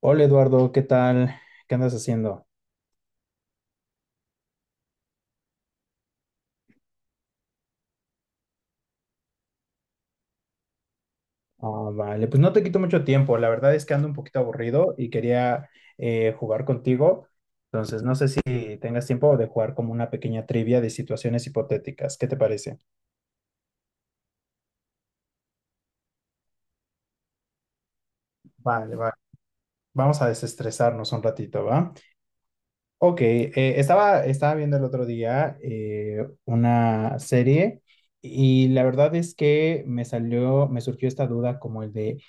Hola Eduardo, ¿qué tal? ¿Qué andas haciendo? Ah, vale, pues no te quito mucho tiempo. La verdad es que ando un poquito aburrido y quería jugar contigo. Entonces, no sé si tengas tiempo de jugar como una pequeña trivia de situaciones hipotéticas. ¿Qué te parece? Vale, vale. Vamos a desestresarnos un ratito, ¿va? Ok, estaba viendo el otro día una serie y la verdad es que me surgió esta duda como el de...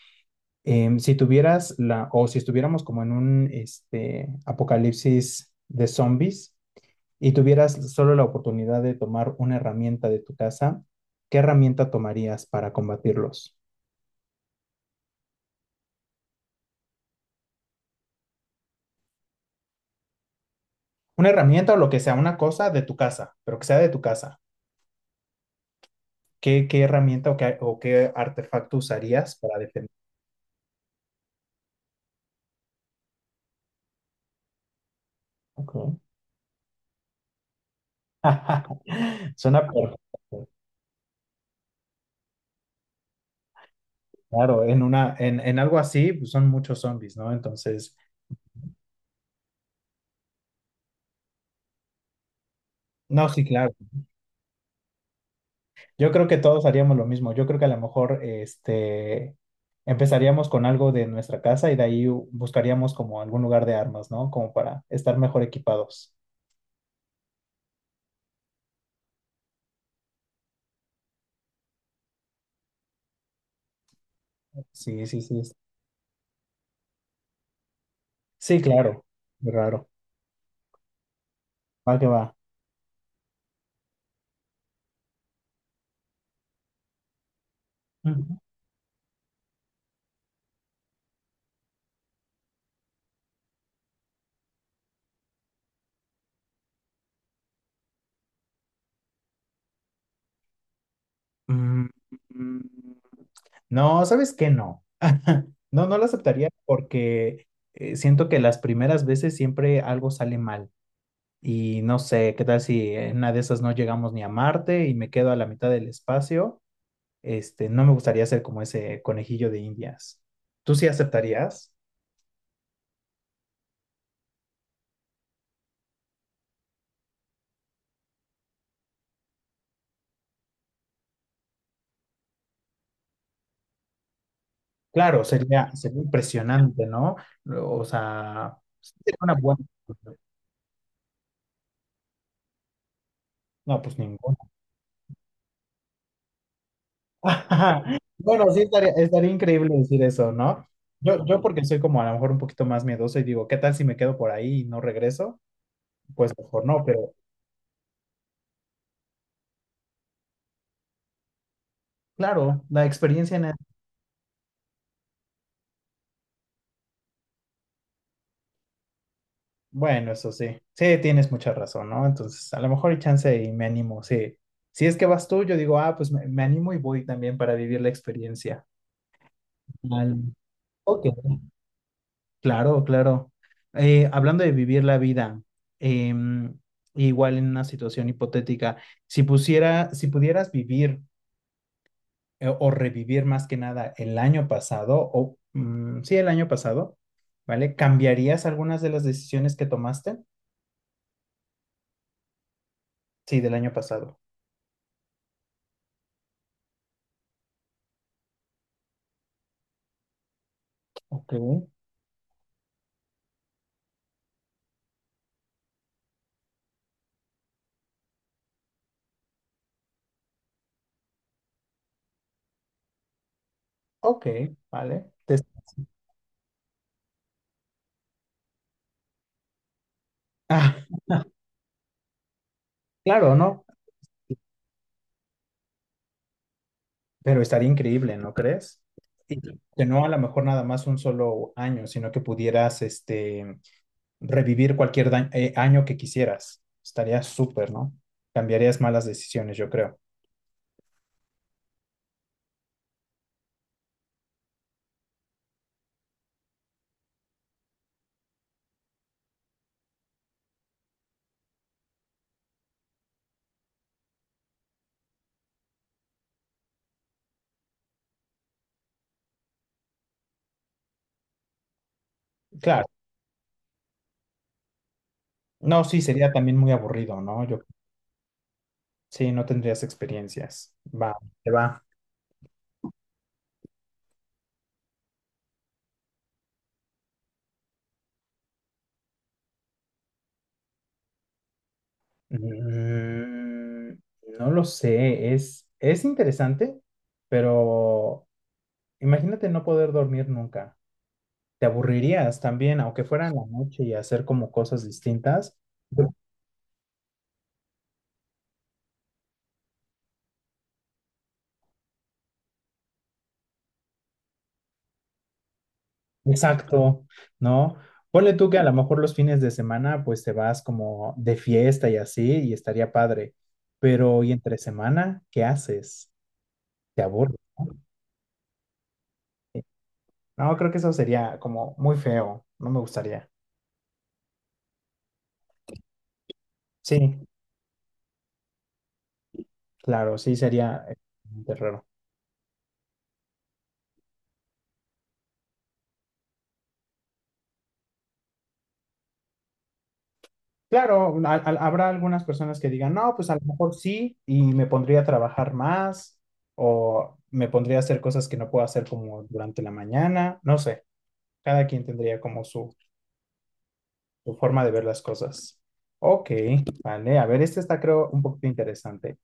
Si tuvieras la, o si estuviéramos como en un este, apocalipsis de zombies y tuvieras solo la oportunidad de tomar una herramienta de tu casa, ¿qué herramienta tomarías para combatirlos? Una herramienta o lo que sea, una cosa de tu casa, pero que sea de tu casa. ¿Qué herramienta o qué artefacto usarías para defender? Ok. Suena perfecto. Claro, en algo así, pues, son muchos zombies, ¿no? Entonces, no, sí, claro. Yo creo que todos haríamos lo mismo. Yo creo que a lo mejor este, empezaríamos con algo de nuestra casa y de ahí u- buscaríamos como algún lugar de armas, ¿no? Como para estar mejor equipados. Sí, sí, sí. Sí, claro. Raro. Va que va. Ujú. Mm, mm, no, ¿sabes qué? No. No, lo aceptaría porque siento que las primeras veces siempre algo sale mal. Y no sé, ¿qué tal si en una de esas no llegamos ni a Marte y me quedo a la mitad del espacio? Este, no me gustaría ser como ese conejillo de Indias. ¿Tú sí aceptarías? Claro, sería impresionante, ¿no? O sea, sí sería una buena. No, pues ninguna. Bueno, sí estaría increíble decir eso, ¿no? Yo porque soy como a lo mejor un poquito más miedoso y digo, ¿qué tal si me quedo por ahí y no regreso? Pues mejor no, pero claro, la experiencia en bueno, eso sí. Sí, tienes mucha razón, ¿no? Entonces, a lo mejor hay chance y me animo. Sí. Si es que vas tú, yo digo, ah, pues me animo y voy también para vivir la experiencia. Vale. Ok. Claro, claro. Hablando de vivir la vida, em, igual en una situación hipotética, si pudieras vivir o revivir más que nada el año pasado, o mm, sí, el año pasado, ¿vale? ¿Cambiarías algunas de las decisiones que tomaste? Sí, del año pasado. Ok. Ok, vale. Te- Ah, claro, ¿no? Pero estaría increíble, ¿no crees? Y que no a lo mejor nada más un solo año, sino que pudieras este, revivir cualquier da- año que quisieras. Estaría súper, ¿no? Cambiarías malas decisiones, yo creo. Claro. No, sí, sería también muy aburrido, ¿no? Yo, sí, no tendrías experiencias. Va, te va. Mm, no lo sé, es interesante, pero imagínate no poder dormir nunca. Te aburrirías también, aunque fuera en la noche y hacer como cosas distintas. Bueno, exacto, ¿no? Ponle tú que a lo mejor los fines de semana pues te vas como de fiesta y así y estaría padre, pero ¿y entre semana qué haces? Te aburres, ¿no? Sí. No, creo que eso sería como muy feo, no me gustaría. Sí, claro, sí sería raro. Claro, a- habrá algunas personas que digan, no, pues a lo mejor sí, y me pondría a trabajar más, o me pondría a hacer cosas que no puedo hacer como durante la mañana, no sé, cada quien tendría como su forma de ver las cosas. Ok, vale, a ver, este está creo un poquito interesante.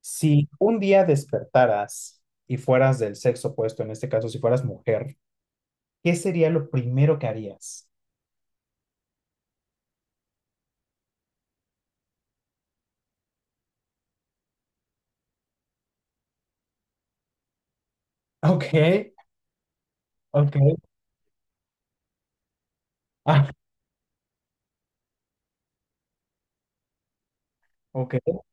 Si un día despertaras y fueras del sexo opuesto, en este caso, si fueras mujer, ¿qué sería lo primero que harías? Ok, ok, ah, ok.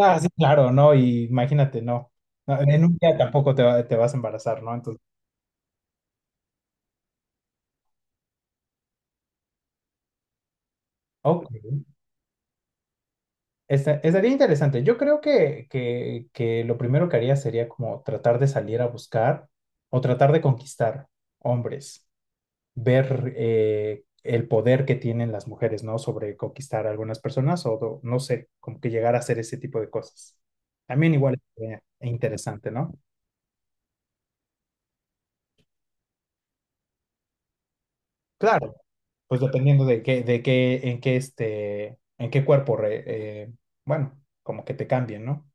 Ah, sí, claro, ¿no? Y imagínate, no. No, en un día tampoco te, va- te vas a embarazar, ¿no? Entonces, ok. Esta- estaría interesante. Yo creo que, que lo primero que haría sería como tratar de salir a buscar o tratar de conquistar hombres, ver el poder que tienen las mujeres, ¿no? Sobre conquistar a algunas personas o do- no sé, como que llegar a hacer ese tipo de cosas. También igual es interesante, ¿no? Claro. Pues dependiendo de qué, en qué este, en qué cuerpo, re- bueno, como que te cambien, ¿no?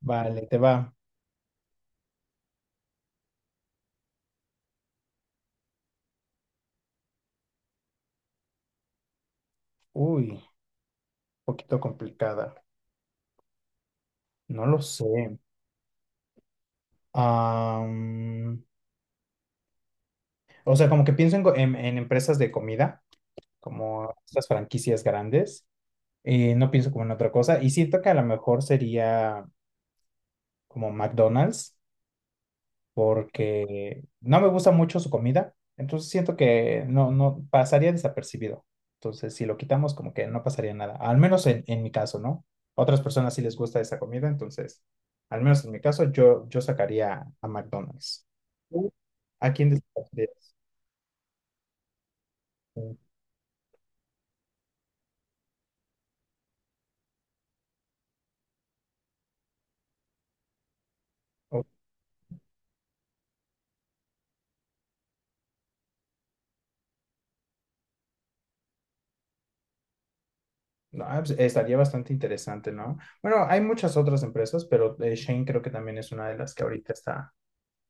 Vale, te va. Uy, un poquito complicada. No lo sé. Am, o sea, como que pienso en, go- en empresas de comida, como estas franquicias grandes. No pienso como en otra cosa. Y siento que a lo mejor sería como McDonald's, porque no me gusta mucho su comida, entonces siento que no, no pasaría desapercibido. Entonces, si lo quitamos, como que no pasaría nada, al menos en mi caso, ¿no? Otras personas sí les gusta esa comida, entonces, al menos en mi caso, yo sacaría a McDonald's. ¿Tú ¿a quién destacarías? Mm, o- no, ah, pues, estaría bastante interesante, ¿no? Bueno, hay muchas otras empresas, pero Shane creo que también es una de las que ahorita está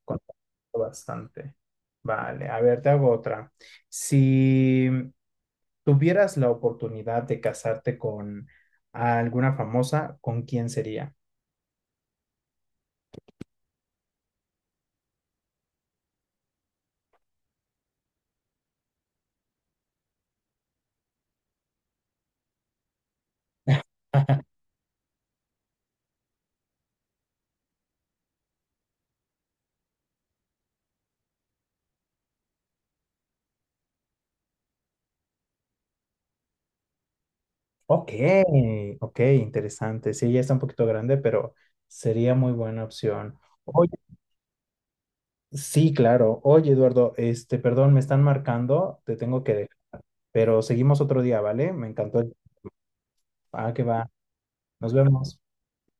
conozco bastante. Vale, a ver, te hago otra. Si tuvieras la oportunidad de casarte con alguna famosa, ¿con quién sería? Ok, ok, interesante. Sí, ya está un poquito grande, pero sería muy buena opción. Oye, sí, claro. Oye, Eduardo, este, perdón, me están marcando, te tengo que dejar, pero seguimos otro día, ¿vale? Me encantó. El- Ah, que va. Nos vemos.